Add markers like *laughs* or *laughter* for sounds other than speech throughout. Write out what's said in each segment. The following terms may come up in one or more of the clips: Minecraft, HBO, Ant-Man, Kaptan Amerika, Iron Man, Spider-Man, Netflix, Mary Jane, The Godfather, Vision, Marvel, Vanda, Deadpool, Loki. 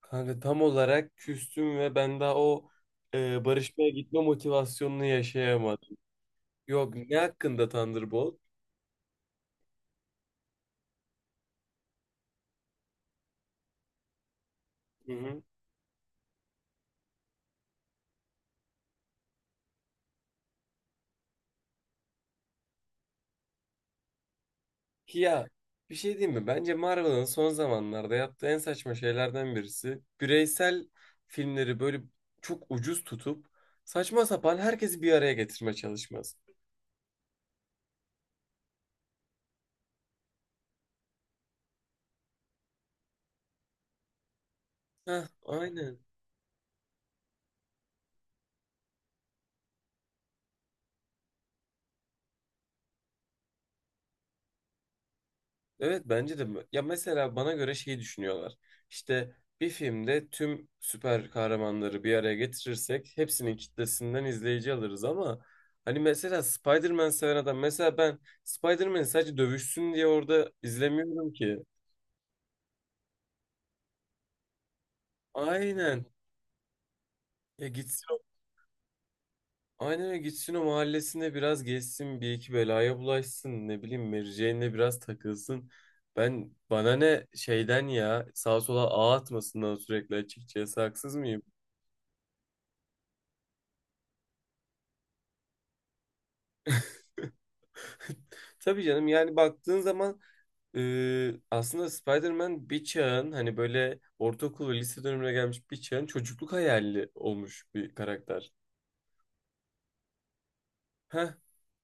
Kanka tam olarak küstüm ve ben daha barışmaya gitme motivasyonunu yaşayamadım. Yok, ne hakkında Thunderbolt? Hı hı. Ya, bir şey diyeyim mi? Bence Marvel'ın son zamanlarda yaptığı en saçma şeylerden birisi. Bireysel filmleri böyle çok ucuz tutup saçma sapan herkesi bir araya getirme çalışması. Heh, aynen. Evet, bence de ya mesela bana göre şey düşünüyorlar. İşte bir filmde tüm süper kahramanları bir araya getirirsek hepsinin kitlesinden izleyici alırız ama hani mesela Spider-Man seven adam, mesela ben Spider-Man'i sadece dövüşsün diye orada izlemiyorum ki. Aynen. Ya aynen öyle gitsin, o mahallesinde biraz gezsin, bir iki belaya bulaşsın, ne bileyim, Mary Jane'le biraz takılsın. Ben, bana ne şeyden, ya sağa sola ağ atmasından sürekli, açıkçası haksız mıyım? Tabii canım, yani baktığın zaman aslında Spider-Man bir çağın, hani böyle ortaokul ve lise dönemine gelmiş bir çağın çocukluk hayali olmuş bir karakter. Heh.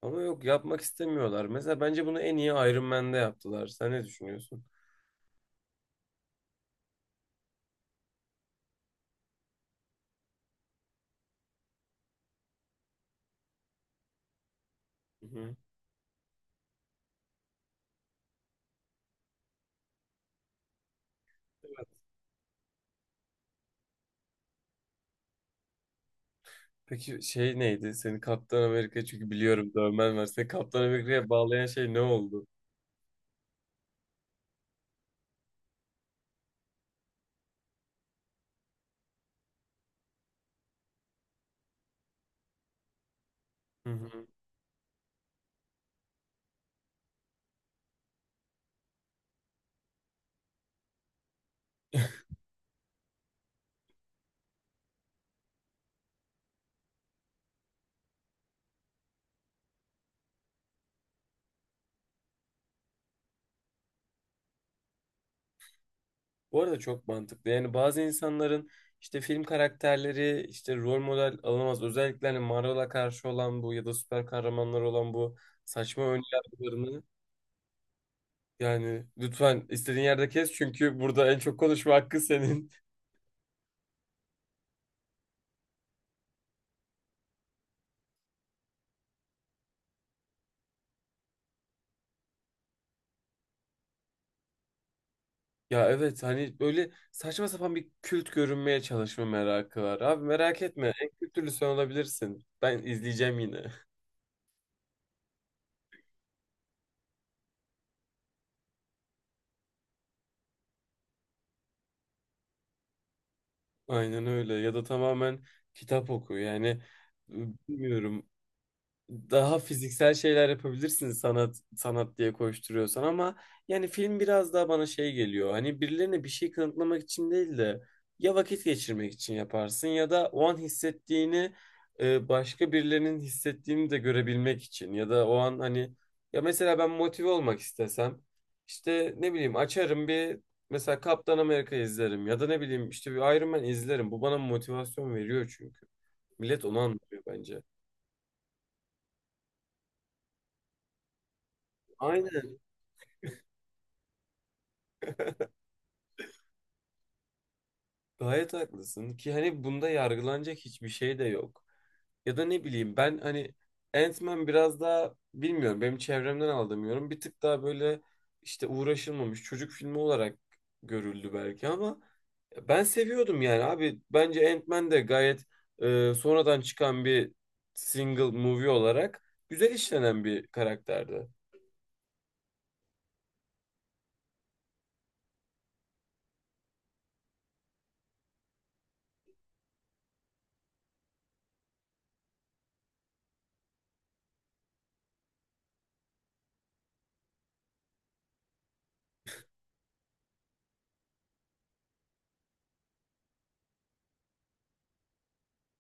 Ama yok, yapmak istemiyorlar. Mesela bence bunu en iyi Iron Man'de yaptılar. Sen ne düşünüyorsun? Hı hı. Evet. Peki şey neydi? Seni Kaptan Amerika, çünkü biliyorum dövmen var. Seni Kaptan Amerika'ya bağlayan şey ne oldu? Hı hı. *laughs* Bu arada çok mantıklı. Yani bazı insanların işte film karakterleri işte rol model alınamaz. Özellikle hani Marvel'a karşı olan bu ya da süper kahramanlar olan bu saçma önyargılarını, yani lütfen istediğin yerde kes çünkü burada en çok konuşma hakkı senin. *laughs* Ya evet, hani böyle saçma sapan bir kült görünmeye çalışma merakı var. Abi merak etme, en kültürlü sen olabilirsin. Ben izleyeceğim yine. *laughs* Aynen öyle, ya da tamamen kitap oku yani. Bilmiyorum, daha fiziksel şeyler yapabilirsin sanat sanat diye koşturuyorsan, ama yani film biraz daha bana şey geliyor. Hani birilerine bir şey kanıtlamak için değil de, ya vakit geçirmek için yaparsın, ya da o an hissettiğini başka birilerinin hissettiğini de görebilmek için, ya da o an hani, ya mesela ben motive olmak istesem işte ne bileyim açarım bir, mesela Kaptan Amerika izlerim ya da ne bileyim işte bir Iron Man izlerim. Bu bana motivasyon veriyor çünkü. Millet onu anlıyor bence. Aynen. Gayet haklısın ki hani bunda yargılanacak hiçbir şey de yok. Ya da ne bileyim, ben hani Ant-Man biraz daha, bilmiyorum, benim çevremden aldığım yorum bir tık daha böyle işte uğraşılmamış çocuk filmi olarak görüldü belki ama ben seviyordum yani. Abi bence Ant-Man de gayet sonradan çıkan bir single movie olarak güzel işlenen bir karakterdi.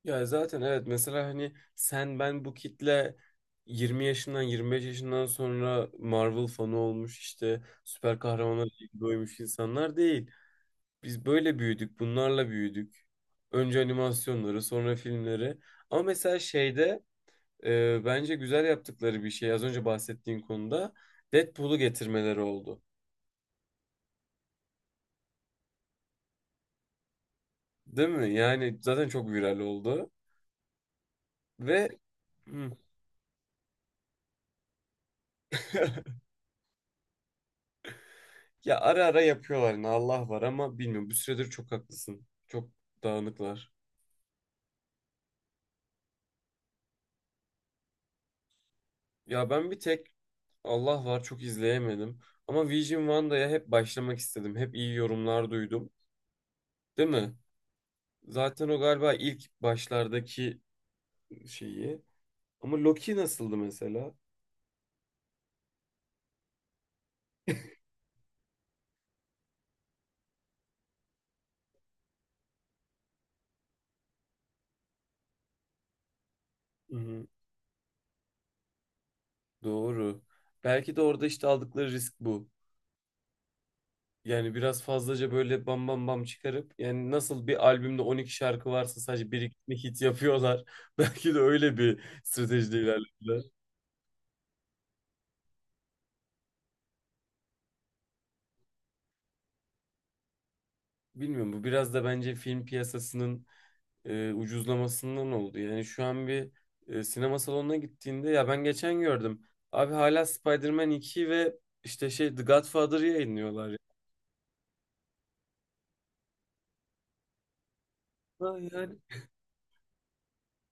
Ya zaten evet, mesela hani sen, ben, bu kitle 20 yaşından 25 yaşından sonra Marvel fanı olmuş, işte süper kahramanlara ilgi duymuş insanlar değil. Biz böyle büyüdük, bunlarla büyüdük. Önce animasyonları, sonra filmleri. Ama mesela şeyde, bence güzel yaptıkları bir şey, az önce bahsettiğin konuda Deadpool'u getirmeleri oldu. Değil mi? Yani zaten çok viral oldu ve Hı. *laughs* Ya ara ara yapıyorlar yine, Allah var, ama bilmiyorum. Bu süredir çok haklısın. Çok dağınıklar. Ya ben bir tek, Allah var, çok izleyemedim. Ama Vision Vanda'ya hep başlamak istedim. Hep iyi yorumlar duydum. Değil mi? Zaten o galiba ilk başlardaki şeyi. Ama Loki nasıldı mesela? Hı hı. Doğru. Belki de orada işte aldıkları risk bu. Yani biraz fazlaca böyle bam bam bam çıkarıp, yani nasıl bir albümde 12 şarkı varsa sadece bir iki hit yapıyorlar. *laughs* Belki de öyle bir stratejide ilerlediler. Bilmiyorum, bu biraz da bence film piyasasının ucuzlamasından oldu. Yani şu an bir, sinema salonuna gittiğinde, ya ben geçen gördüm. Abi hala Spider-Man 2 ve işte şey The Godfather'ı yayınlıyorlar. Ha, yani,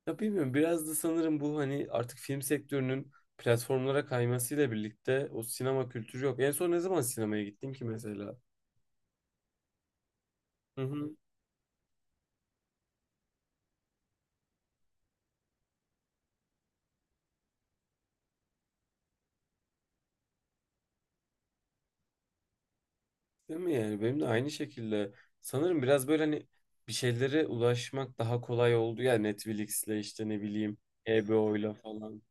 ya bilmiyorum, biraz da sanırım bu hani artık film sektörünün platformlara kaymasıyla birlikte o sinema kültürü yok. En son ne zaman sinemaya gittin ki mesela? Hı hı. Değil mi, yani benim de aynı şekilde, sanırım biraz böyle hani bir şeylere ulaşmak daha kolay oldu ya, Netflix'le işte ne bileyim HBO'yla falan.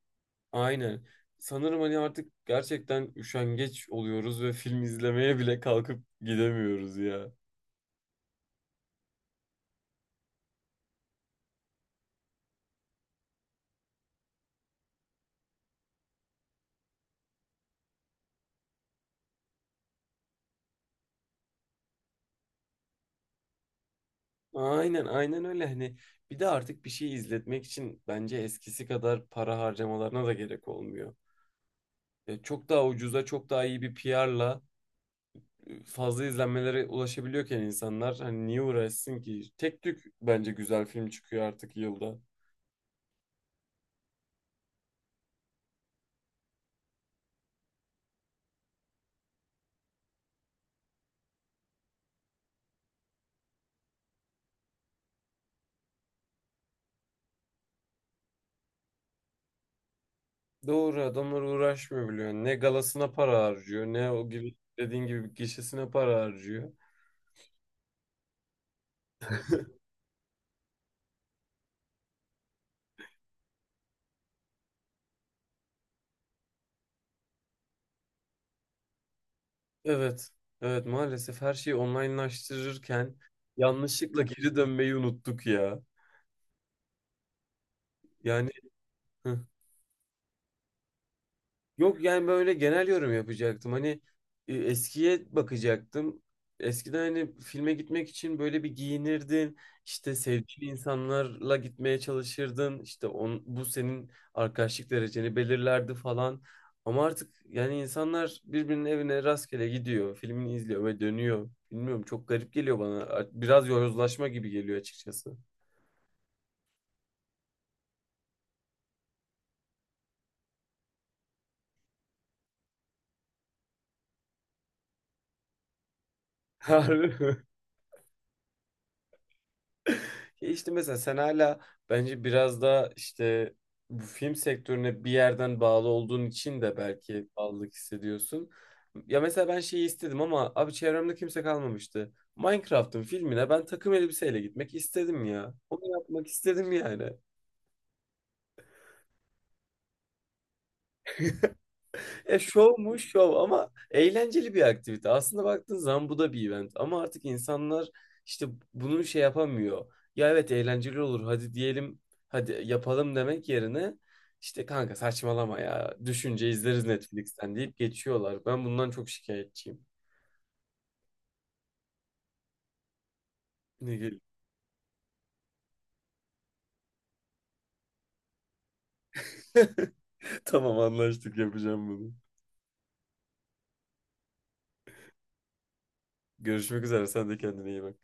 Aynen. Sanırım hani artık gerçekten üşengeç oluyoruz ve film izlemeye bile kalkıp gidemiyoruz ya. Aynen, aynen, öyle hani, bir de artık bir şey izletmek için bence eskisi kadar para harcamalarına da gerek olmuyor. Çok daha ucuza, çok daha iyi bir PR'la fazla izlenmelere ulaşabiliyorken insanlar hani niye uğraşsın ki? Tek tük bence güzel film çıkıyor artık yılda. Doğru, adamlar uğraşmıyor biliyor. Ne galasına para harcıyor, ne o gibi dediğin gibi gişesine para harcıyor. Evet, evet, maalesef her şeyi onlinelaştırırken yanlışlıkla geri dönmeyi unuttuk ya. Yani *laughs* yok yani böyle genel yorum yapacaktım. Hani eskiye bakacaktım. Eskiden hani filme gitmek için böyle bir giyinirdin. İşte sevdiğin insanlarla gitmeye çalışırdın. İşte bu senin arkadaşlık dereceni belirlerdi falan. Ama artık yani insanlar birbirinin evine rastgele gidiyor. Filmini izliyor ve dönüyor. Bilmiyorum, çok garip geliyor bana. Biraz yozlaşma gibi geliyor açıkçası. *laughs* Harbi mi? Ya işte mesela sen hala, bence biraz da işte bu film sektörüne bir yerden bağlı olduğun için de belki bağlılık hissediyorsun. Ya mesela ben şeyi istedim ama abi çevremde kimse kalmamıştı. Minecraft'ın filmine ben takım elbiseyle gitmek istedim ya. Onu yapmak istedim yani. E, şov mu şov, ama eğlenceli bir aktivite. Aslında baktığın zaman bu da bir event ama artık insanlar işte bunu şey yapamıyor. Ya evet, eğlenceli olur hadi diyelim, hadi yapalım demek yerine işte, kanka saçmalama ya, düşünce izleriz Netflix'ten deyip geçiyorlar. Ben bundan çok şikayetçiyim. Ne gel- *laughs* Tamam, anlaştık, yapacağım bunu. Görüşmek üzere, sen de kendine iyi bak.